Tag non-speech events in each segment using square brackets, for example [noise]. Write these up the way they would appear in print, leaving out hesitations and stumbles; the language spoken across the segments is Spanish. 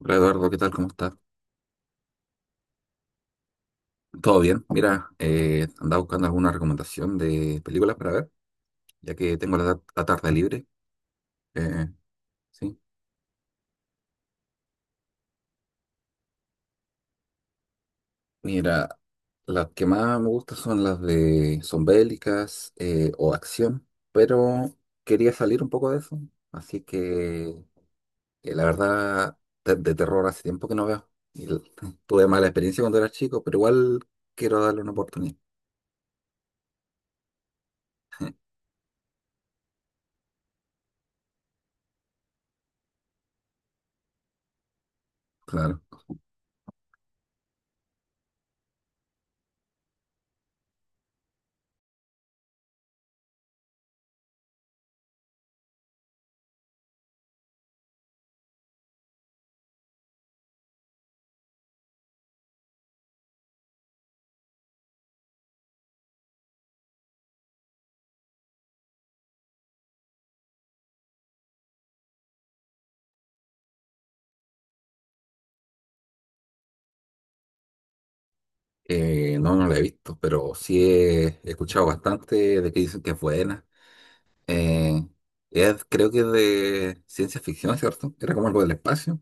Hola Eduardo, ¿qué tal? ¿Cómo estás? Todo bien. Mira, andaba buscando alguna recomendación de películas para ver, ya que tengo la tarde libre. Eh, sí. Mira, las que más me gustan son las de son bélicas o acción, pero quería salir un poco de eso, así que la verdad de terror hace tiempo que no veo. Y [laughs] tuve mala experiencia cuando era chico, pero igual quiero darle una oportunidad. Claro. No, no la he visto, pero sí he escuchado bastante de que dicen que es buena. Eh, creo que es de ciencia ficción, ¿cierto? Era como algo del espacio.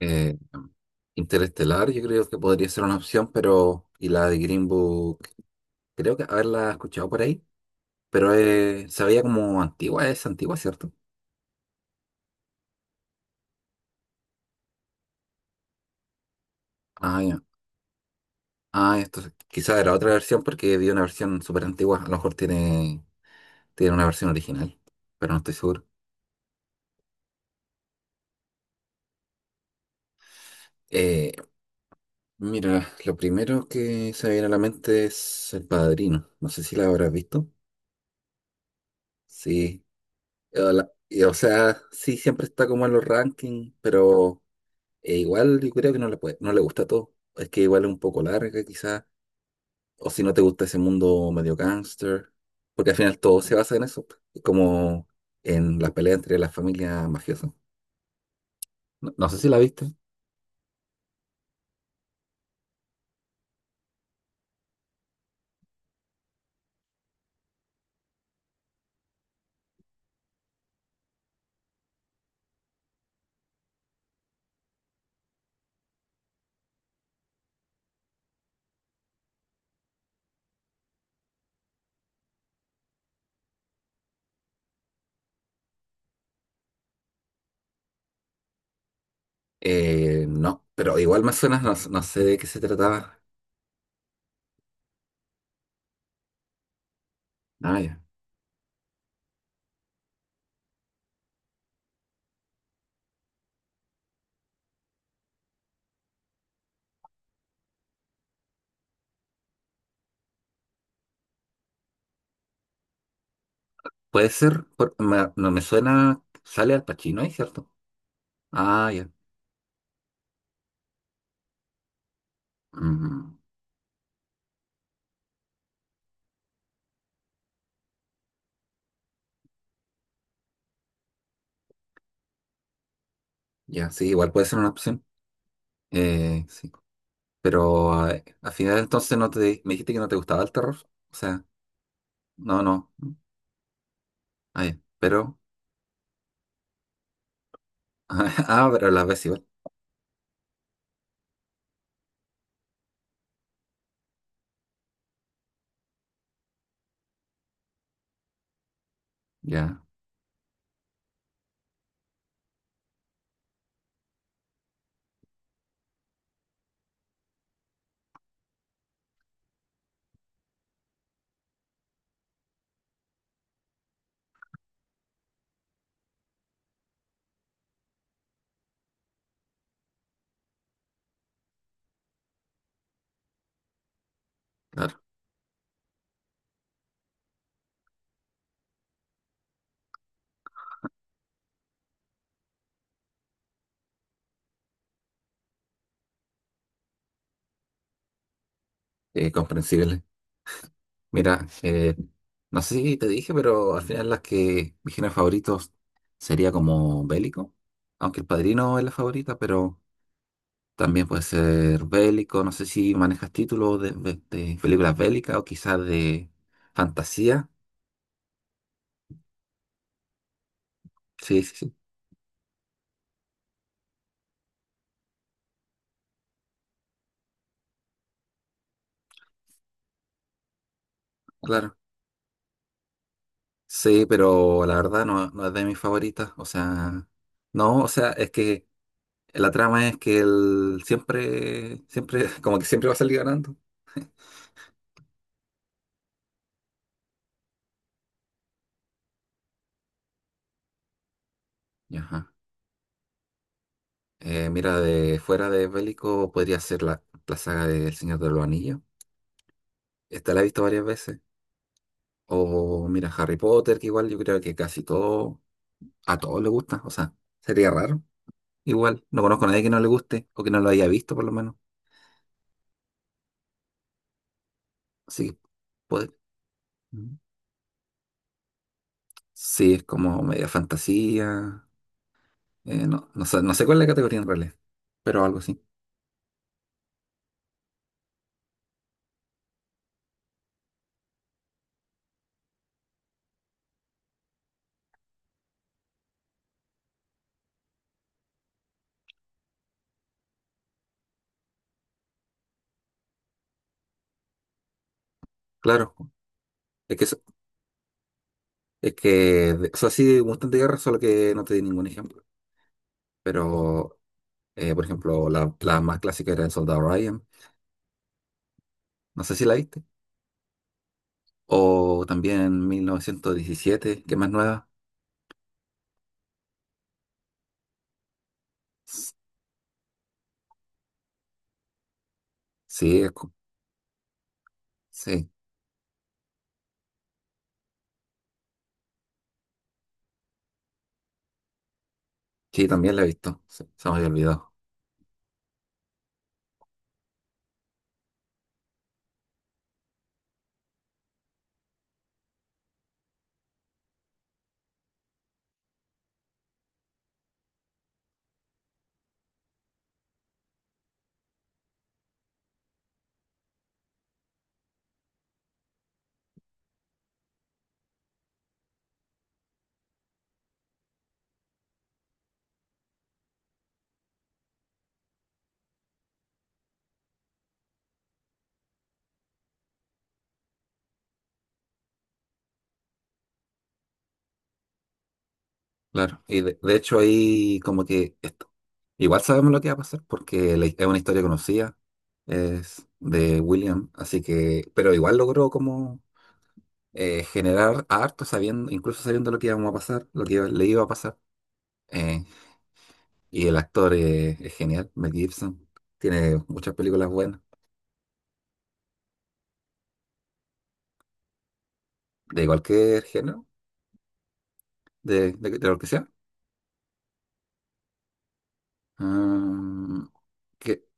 Eh, Interestelar, yo creo que podría ser una opción, pero. Y la de Green Book, creo que haberla escuchado por ahí, pero se veía como antigua, es antigua, ¿cierto? Ah, ya. Ah, esto quizás era otra versión porque vi una versión súper antigua, a lo mejor tiene, tiene una versión original, pero no estoy seguro. Eh, Mira, lo primero que se me viene a la mente es El Padrino. No sé si la habrás visto. Sí. O sea, sí, siempre está como en los rankings, pero igual yo creo que no le puede, no le gusta todo. Es que igual es un poco larga, quizás. O si no te gusta ese mundo medio gangster, porque al final todo se basa en eso, como en la pelea entre las familias mafiosas. No, no sé si la viste. No, pero igual más o menos no, no sé de qué se trataba. Ah, ya. Puede ser, no me suena, sale Al Pacino ahí, ¿cierto? Ah, ya. Mm, ya, sí, igual puede ser una opción. Sí. Pero al final entonces no te, me dijiste que no te gustaba el terror. O sea, no, no. Ah, ya. Pero, [laughs] ah, pero a la vez igual. Ya, claro. Comprensible. Mira, no sé si te dije, pero al final las que mis géneros favoritos sería como bélico. Aunque El Padrino es la favorita, pero... También puede ser bélico, no sé si manejas títulos de películas bélicas o quizás de fantasía. Sí, sí, sí, claro. Sí, pero la verdad no, no es de mis favoritas. O sea, no, o sea, es que la trama es que él siempre, siempre, [laughs] como que siempre va a salir ganando. Ajá. Mira, de fuera de bélico podría ser la saga de El Señor de los Anillos. Esta la he visto varias veces. O mira, Harry Potter, que igual yo creo que casi todo a todos les gusta, o sea, sería raro. Igual, no conozco a nadie que no le guste o que no lo haya visto por lo menos. Así que puede. Mm. Sí, es como media fantasía. No, no sé, no sé cuál es la categoría en realidad, pero algo así. Claro, es que, so- es que, de- o sea, sí, de Mustang de guerra, solo que no te di ningún ejemplo. Pero, por ejemplo, la más clásica era El Soldado Ryan, no sé si la viste. O también 1917, que es más nueva. S- Sí, es co- sí. Sí, también la he visto. Se me había olvidado. Claro. Y de hecho ahí como que esto. Igual sabemos lo que va a pasar porque es una historia conocida. Es de William. Así que, pero igual logró como generar harto sabiendo, incluso sabiendo lo que íbamos a pasar, lo que le iba a pasar. Eh, y el actor es genial, Mel Gibson. Tiene muchas películas buenas. De cualquier género, de lo que sea. Mm, que-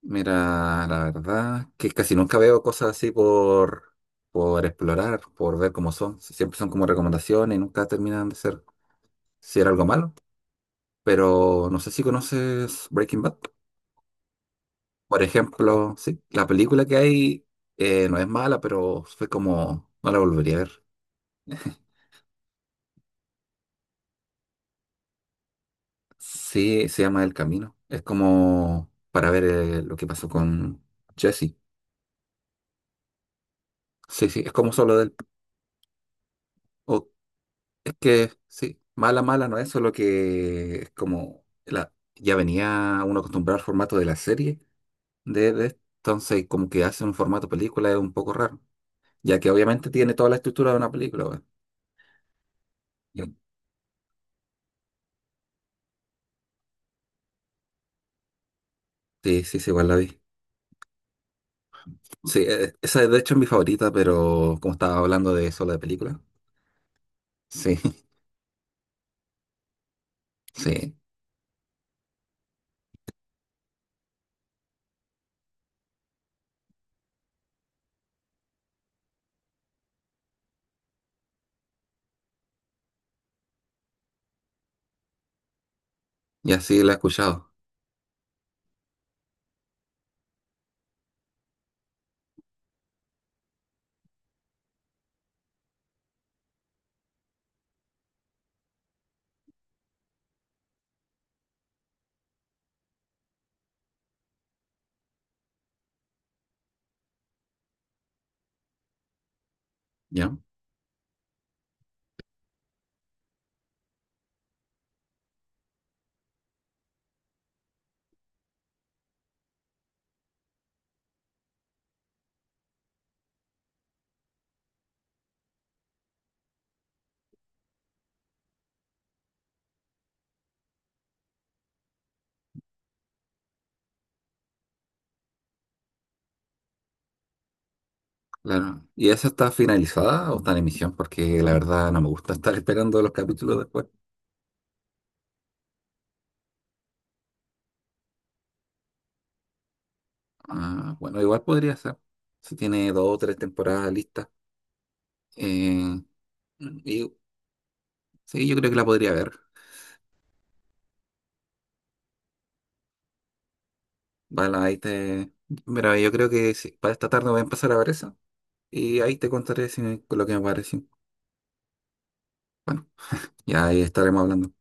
Mira, la verdad que casi nunca veo cosas así por explorar, por ver cómo son. Siempre son como recomendaciones y nunca terminan de ser si era algo malo. Pero no sé si conoces Breaking Bad. Por ejemplo, sí, la película que hay no es mala, pero fue como, no la volvería a ver. [laughs] Sí, se llama El Camino. Es como para ver lo que pasó con Jesse. Sí, sí, es como solo de él. O Es que sí, mala, mala no es, solo que es como la, ya venía uno acostumbrado al formato de la serie, entonces como que hace un formato película es un poco raro, ya que obviamente tiene toda la estructura de una película. Weón. Yo- Sí, sí, sí, igual la vi. Sí, esa de hecho es mi favorita, pero como estaba hablando de solo de película, sí, [laughs] sí, y así la he escuchado, ¿ya? Claro. ¿Y esa está finalizada o está en emisión? Porque la verdad no me gusta estar esperando los capítulos después. Ah, bueno, igual podría ser. Si tiene dos o tres temporadas listas. Eh, y, sí, yo creo que la podría ver. Vale, ahí te... Mira, yo creo que sí, para esta tarde voy a empezar a ver eso. Y ahí te contaré si me- lo que me pareció. Y ahí estaremos hablando.